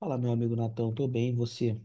Fala, meu amigo Natão, tô bem, e você?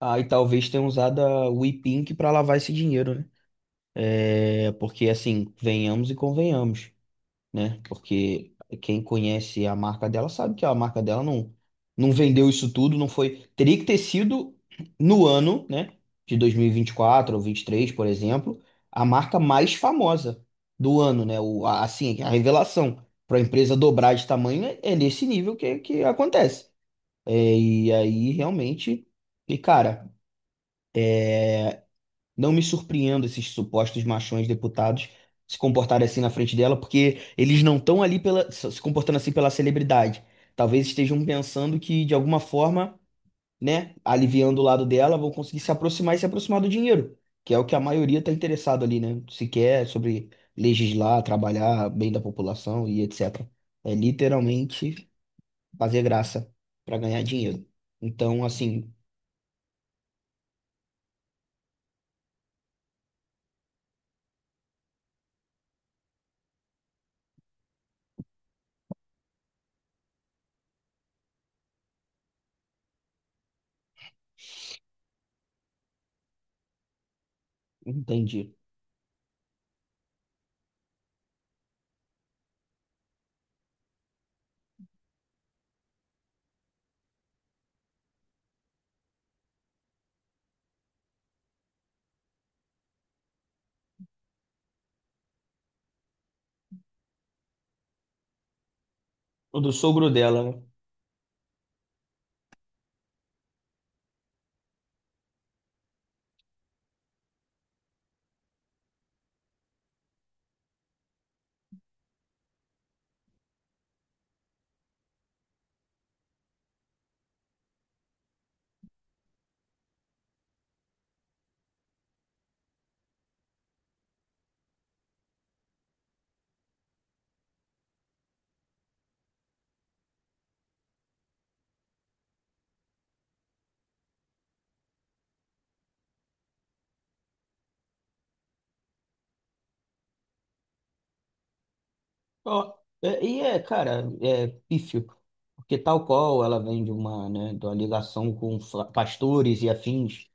Ah, e talvez tenha usado a WePink para lavar esse dinheiro, né? É, porque assim, venhamos e convenhamos, né? Porque quem conhece a marca dela sabe que a marca dela não vendeu isso tudo, não foi. Teria que ter sido no ano, né? De 2024 ou 23, por exemplo, a marca mais famosa do ano, né? Assim, a revelação para a empresa dobrar de tamanho é nesse nível que acontece. E aí, realmente, e cara, não me surpreendo esses supostos machões deputados se comportarem assim na frente dela, porque eles não estão se comportando assim pela celebridade. Talvez estejam pensando que, de alguma forma, né, aliviando o lado dela, vão conseguir se aproximar do dinheiro, que é o que a maioria está interessado ali, né? Se quer sobre legislar, trabalhar bem da população e etc. É literalmente fazer graça para ganhar dinheiro. Então, assim, entendi. O do sogro dela, né? Ó, é, cara, é pífio, porque tal qual ela vem de uma ligação com pastores e afins,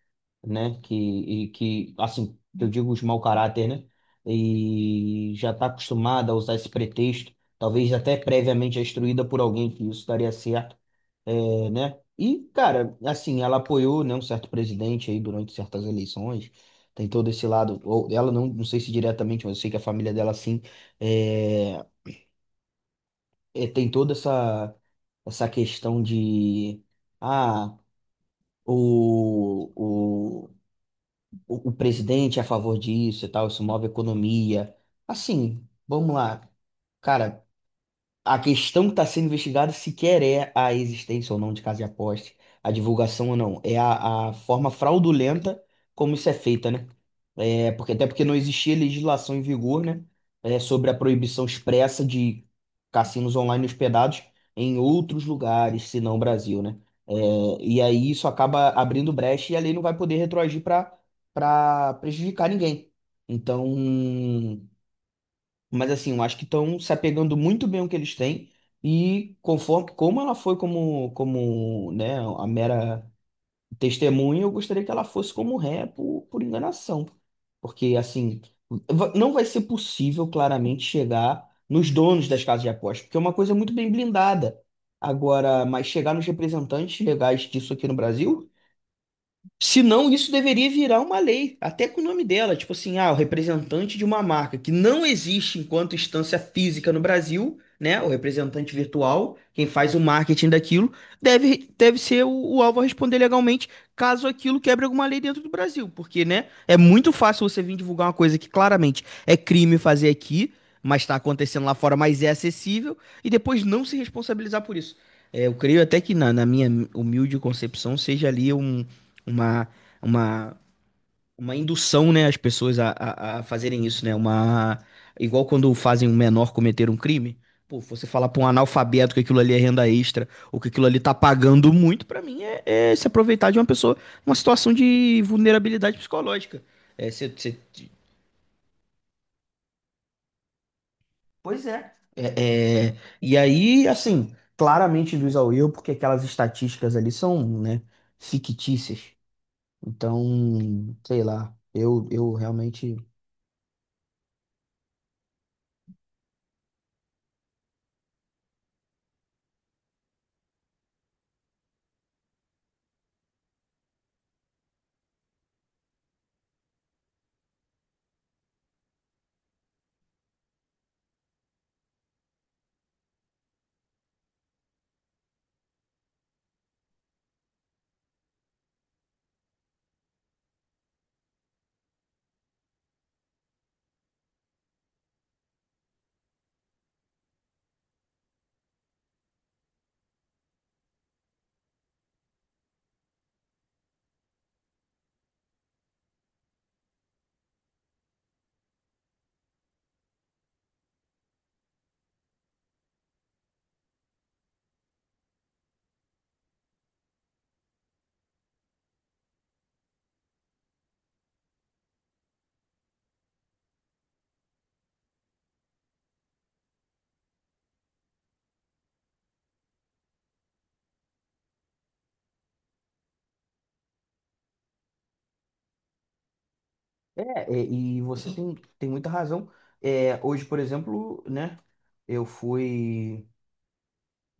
né, assim, eu digo os mau caráter, né, e já está acostumada a usar esse pretexto, talvez até previamente instruída por alguém que isso daria certo, e, cara, assim, ela apoiou, né, um certo presidente aí durante certas eleições, tem todo esse lado, ou ela não sei se diretamente, mas eu sei que a família dela, sim, é, tem toda essa questão de ah, o, o, o presidente é a favor disso e tal, isso move a economia. Assim, vamos lá. Cara, a questão que está sendo investigada sequer é a existência ou não de casa de aposta, a divulgação ou não. É a forma fraudulenta como isso é feita, né? É, porque, até porque não existia legislação em vigor, né? É, sobre a proibição expressa de cassinos online hospedados em outros lugares, senão o Brasil, né? É, e aí isso acaba abrindo brecha e a lei não vai poder retroagir para prejudicar ninguém. Então, mas assim, eu acho que estão se apegando muito bem ao que eles têm e conforme como ela foi né, a mera testemunha, eu gostaria que ela fosse como ré por enganação. Porque assim, não vai ser possível claramente chegar nos donos das casas de apostas, porque é uma coisa muito bem blindada. Agora, mas chegar nos representantes legais disso aqui no Brasil se não, isso deveria virar uma lei, até com o nome dela, tipo assim, ah, o representante de uma marca que não existe enquanto instância física no Brasil, né? O representante virtual, quem faz o marketing daquilo, deve ser o alvo a responder legalmente caso aquilo quebre alguma lei dentro do Brasil, porque, né? É muito fácil você vir divulgar uma coisa que claramente é crime fazer aqui, mas está acontecendo lá fora, mas é acessível, e depois não se responsabilizar por isso. É, eu creio até que na minha humilde concepção seja ali um uma, uma, uma indução, né, as pessoas a fazerem isso, né? Uma, igual quando fazem um menor cometer um crime. Pô, você falar pra um analfabeto que aquilo ali é renda extra, ou que aquilo ali tá pagando muito, pra mim é se aproveitar de uma pessoa, uma situação de vulnerabilidade psicológica. É, você- Pois é. E aí, assim, claramente induz ao erro, porque aquelas estatísticas ali são, né, fictícias. Então, sei lá, eu realmente. É, e você tem muita razão. É, hoje, por exemplo, né? Eu fui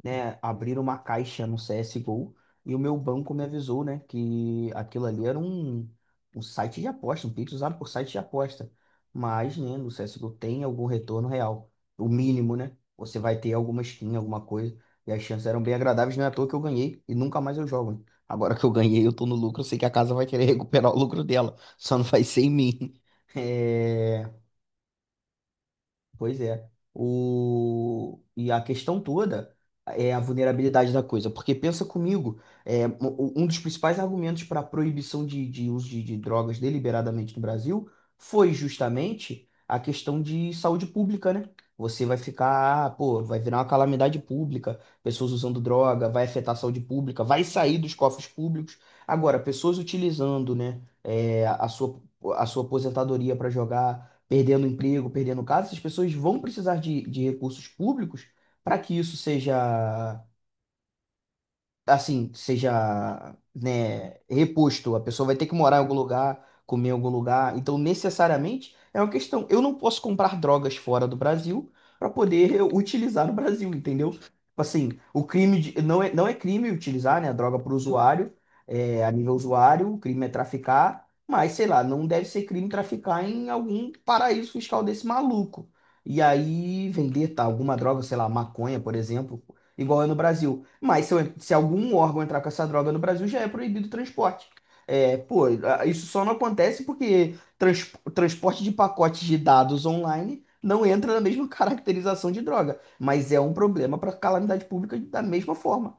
né, abriram uma caixa no CSGO e o meu banco me avisou, né, que aquilo ali era um site de aposta, um Pix usado por site de aposta. Mas, né, no CSGO tem algum retorno real, o mínimo, né? Você vai ter alguma skin, alguma coisa, e as chances eram bem agradáveis, não é à toa que eu ganhei e nunca mais eu jogo. Né? Agora que eu ganhei, eu tô no lucro, eu sei que a casa vai querer recuperar o lucro dela, só não vai ser em mim. É... Pois é. O... E a questão toda é a vulnerabilidade da coisa. Porque pensa comigo, um dos principais argumentos para a proibição de uso de drogas deliberadamente no Brasil foi justamente a questão de saúde pública, né? Você vai ficar, ah, pô, vai virar uma calamidade pública, pessoas usando droga, vai afetar a saúde pública, vai sair dos cofres públicos. Agora, pessoas utilizando, né, é, a a sua aposentadoria para jogar perdendo emprego, perdendo casa, essas pessoas vão precisar de recursos públicos para que isso seja assim, seja, né, reposto. A pessoa vai ter que morar em algum lugar, comer em algum lugar. Então, necessariamente, é uma questão. Eu não posso comprar drogas fora do Brasil para poder utilizar no Brasil, entendeu? Tipo assim, não é, não é crime utilizar, né, a droga para o usuário, é, a nível usuário, o crime é traficar, mas sei lá, não deve ser crime traficar em algum paraíso fiscal desse maluco. E aí vender tá, alguma droga, sei lá, maconha, por exemplo, igual é no Brasil. Mas se algum órgão entrar com essa droga no Brasil, já é proibido o transporte. É, pô, isso só não acontece porque transporte de pacotes de dados online não entra na mesma caracterização de droga, mas é um problema para calamidade pública da mesma forma.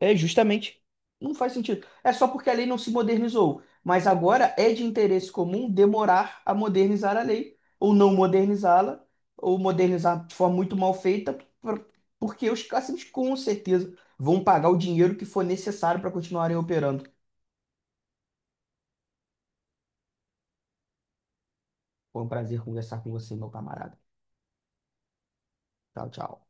É justamente. Não faz sentido. É só porque a lei não se modernizou. Mas agora é de interesse comum demorar a modernizar a lei, ou não modernizá-la, ou modernizar de forma muito mal feita, por- porque os cassinos com certeza vão pagar o dinheiro que for necessário para continuarem operando. Foi um prazer conversar com você, meu camarada. Tchau, tchau.